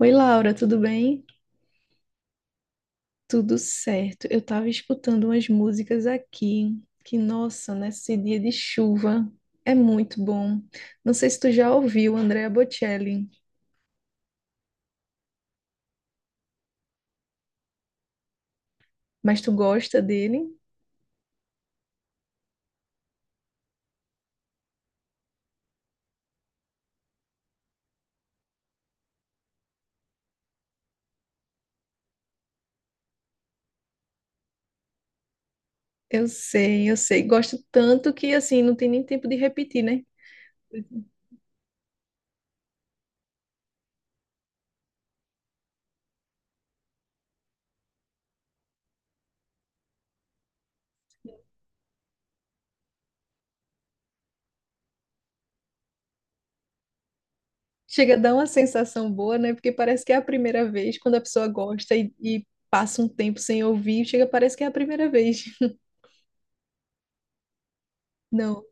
Oi, Laura, tudo bem? Tudo certo. Eu estava escutando umas músicas aqui, que, nossa, nesse dia de chuva é muito bom. Não sei se tu já ouviu Andrea Bocelli, mas tu gosta dele? Eu sei. Gosto tanto que, assim, não tem nem tempo de repetir, né? Chega a dar uma sensação boa, né? Porque parece que é a primeira vez quando a pessoa gosta e passa um tempo sem ouvir, chega, parece que é a primeira vez. Não.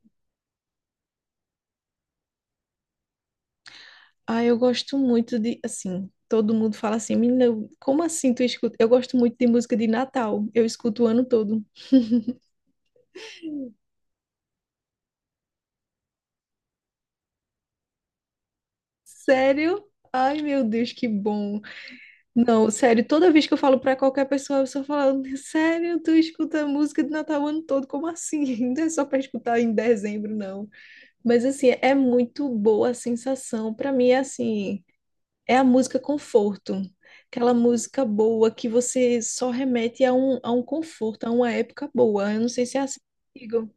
Ah, eu gosto muito de, assim, todo mundo fala assim, menina, como assim tu escuta? Eu gosto muito de música de Natal, eu escuto o ano todo. Sério? Ai, meu Deus, que bom. Não, sério, toda vez que eu falo pra qualquer pessoa, eu só falo, sério, tu escuta música de Natal o ano todo, como assim? Não é só pra escutar em dezembro, não. Mas, assim, é muito boa a sensação. Pra mim, é assim. É a música conforto, aquela música boa que você só remete a um conforto, a uma época boa. Eu não sei se é assim contigo.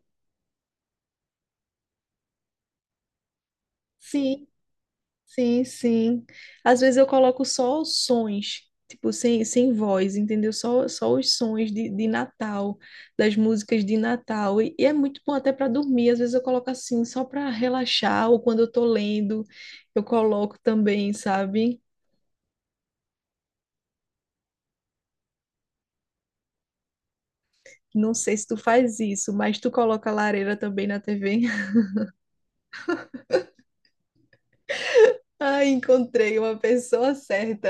Sim, sim. Às vezes eu coloco só os sons, tipo, sem voz, entendeu? Só os sons de Natal, das músicas de Natal. E é muito bom até para dormir. Às vezes eu coloco assim, só para relaxar, ou quando eu tô lendo, eu coloco também, sabe? Não sei se tu faz isso, mas tu coloca a lareira também na TV. Ai, encontrei uma pessoa certa.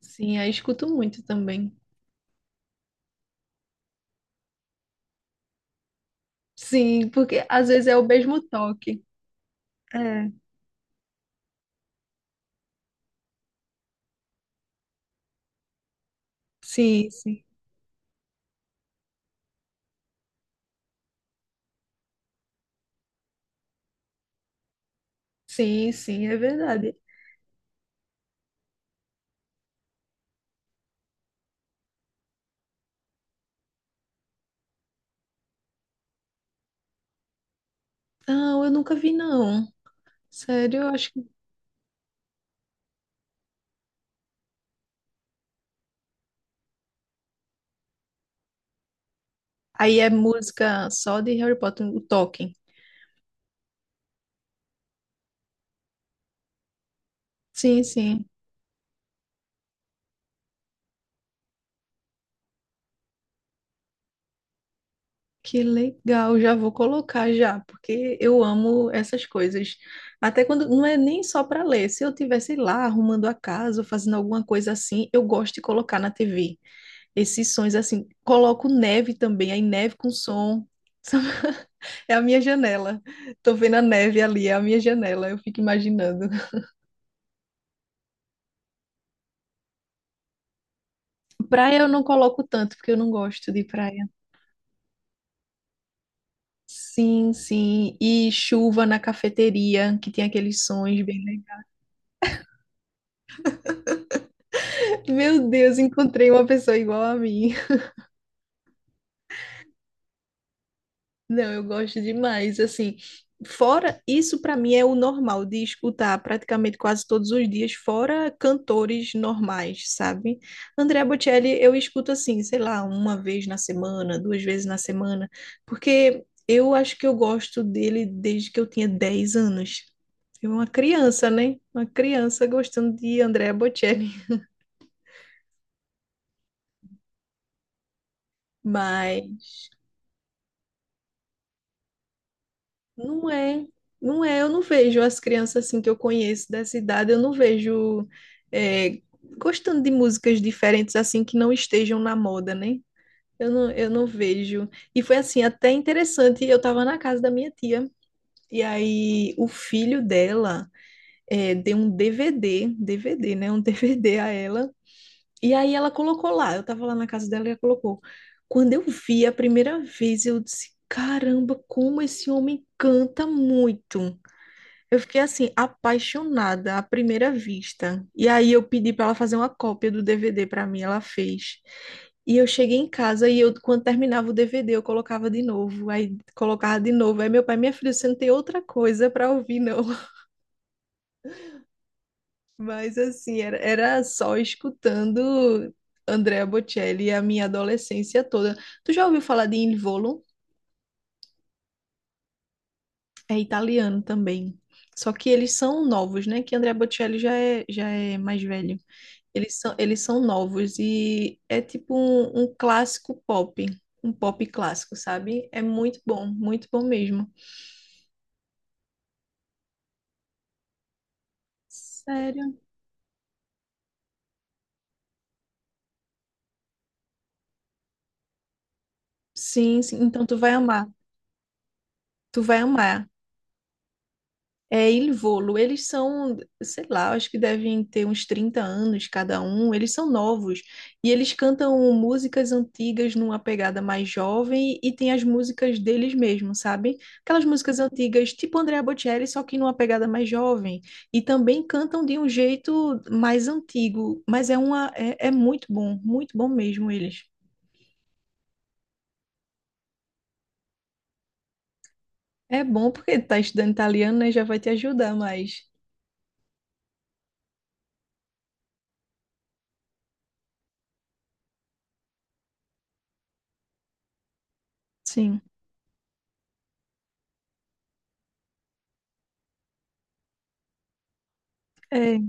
Sim, aí escuto muito também. Sim, porque às vezes é o mesmo toque. É, sim, sim. Sim, sim, é verdade. Não, eu nunca vi, não. Sério, eu acho que aí é música só de Harry Potter, o Tolkien. Sim, sim. Que legal, já vou colocar já, porque eu amo essas coisas. Até quando não é nem só para ler. Se eu tivesse lá arrumando a casa, ou fazendo alguma coisa assim, eu gosto de colocar na TV esses sons assim. Coloco neve também, aí neve com som. É a minha janela. Tô vendo a neve ali, é a minha janela. Eu fico imaginando. Praia eu não coloco tanto, porque eu não gosto de praia. Sim, sim. E chuva na cafeteria, que tem aqueles sons bem legais. Meu Deus, encontrei uma pessoa igual a mim. Não, eu gosto demais. Assim, fora isso, para mim é o normal de escutar praticamente quase todos os dias, fora cantores normais, sabe? Andrea Bocelli eu escuto assim, sei lá, 1 vez na semana, 2 vezes na semana, porque eu acho que eu gosto dele desde que eu tinha 10 anos. Eu era uma criança, né? Uma criança gostando de Andrea Bocelli. Mas Não é, não é. Eu não vejo as crianças assim que eu conheço dessa idade, eu não vejo é, gostando de músicas diferentes assim que não estejam na moda, né? Eu não vejo. E foi assim, até interessante. Eu estava na casa da minha tia, e aí o filho dela deu um DVD, né? Um DVD a ela. E aí ela colocou lá. Eu estava lá na casa dela e ela colocou. Quando eu vi a primeira vez, eu disse: Caramba, como esse homem canta muito. Eu fiquei assim, apaixonada à primeira vista. E aí eu pedi para ela fazer uma cópia do DVD para mim, ela fez. E eu cheguei em casa e eu, quando terminava o DVD, eu colocava de novo, aí colocava de novo. Aí meu pai, minha filha, você não tem outra coisa para ouvir, não. Mas assim, era só escutando Andrea Bocelli a minha adolescência toda. Tu já ouviu falar de Il Volo? É italiano também. Só que eles são novos, né? Que Andrea Bocelli já é mais velho. Eles são novos e é tipo um clássico pop, um pop clássico, sabe? É muito bom mesmo. Sério? Sim, sim. Então tu vai amar. Tu vai amar. É, em Volo, eles são, sei lá, acho que devem ter uns 30 anos cada um, eles são novos. E eles cantam músicas antigas numa pegada mais jovem e tem as músicas deles mesmos, sabe? Aquelas músicas antigas, tipo Andrea Bocelli, só que numa pegada mais jovem. E também cantam de um jeito mais antigo, mas é uma, é, é muito bom mesmo eles. É bom porque tá estudando italiano, né? Já vai te ajudar mais. Sim, é.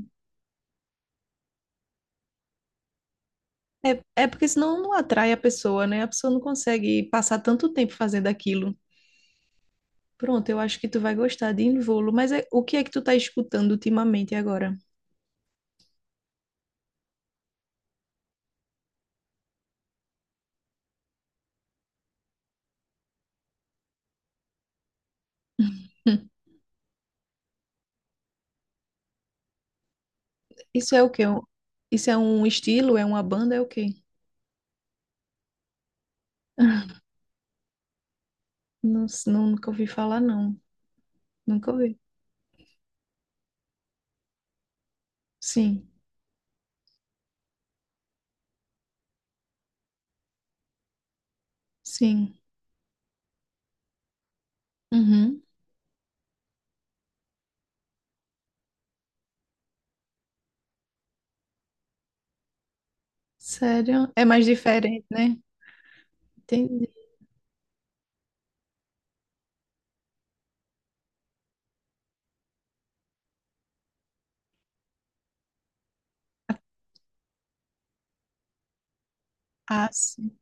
É porque senão não atrai a pessoa, né? A pessoa não consegue passar tanto tempo fazendo aquilo. Pronto, eu acho que tu vai gostar de Involo, mas o que é que tu tá escutando ultimamente agora? Hum. Isso é o quê? Isso é um estilo? É uma banda? É o quê? Não, nunca ouvi falar, não. Nunca ouvi. Sim, sim. Uhum. Sério? É mais diferente, né? Entendi. Ah, sim.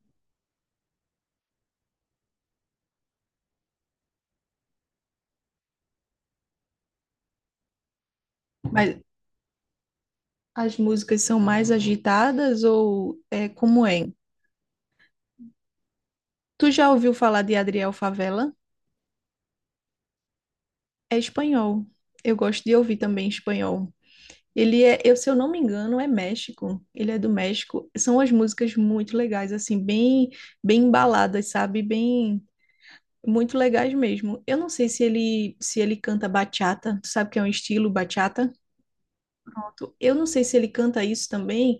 Mas as músicas são mais agitadas ou é como é? Tu já ouviu falar de Adriel Favela? É espanhol. Eu gosto de ouvir também espanhol. Se eu não me engano, é México. Ele é do México. São as músicas muito legais, assim, bem, bem embaladas, sabe? Bem, muito legais mesmo. Eu não sei se ele canta bachata. Tu sabe que é um estilo bachata? Pronto. Eu não sei se ele canta isso também.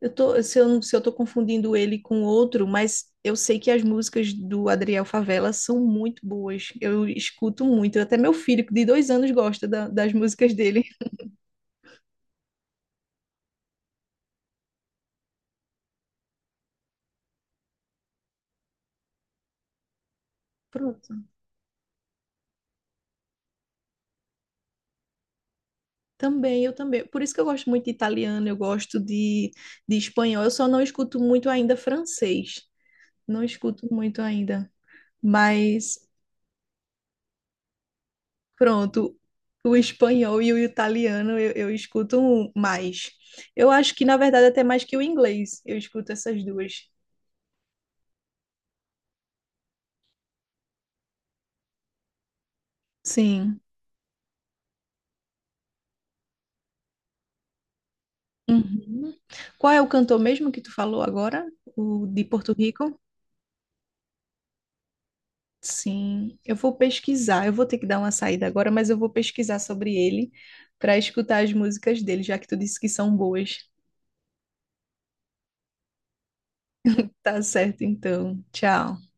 Eu tô, se eu, se eu tô confundindo ele com outro, mas eu sei que as músicas do Adriel Favela são muito boas. Eu escuto muito. Até meu filho, de 2 anos, gosta das músicas dele. Pronto. Também, eu também. Por isso que eu gosto muito de italiano, eu gosto de espanhol. Eu só não escuto muito ainda francês. Não escuto muito ainda. Mas, pronto, o espanhol e o italiano eu escuto mais. Eu acho que, na verdade, até mais que o inglês. Eu escuto essas duas. Sim. Uhum. Qual é o cantor mesmo que tu falou agora? O de Porto Rico? Sim, eu vou pesquisar. Eu vou ter que dar uma saída agora, mas eu vou pesquisar sobre ele para escutar as músicas dele, já que tu disse que são boas. Tá certo, então. Tchau.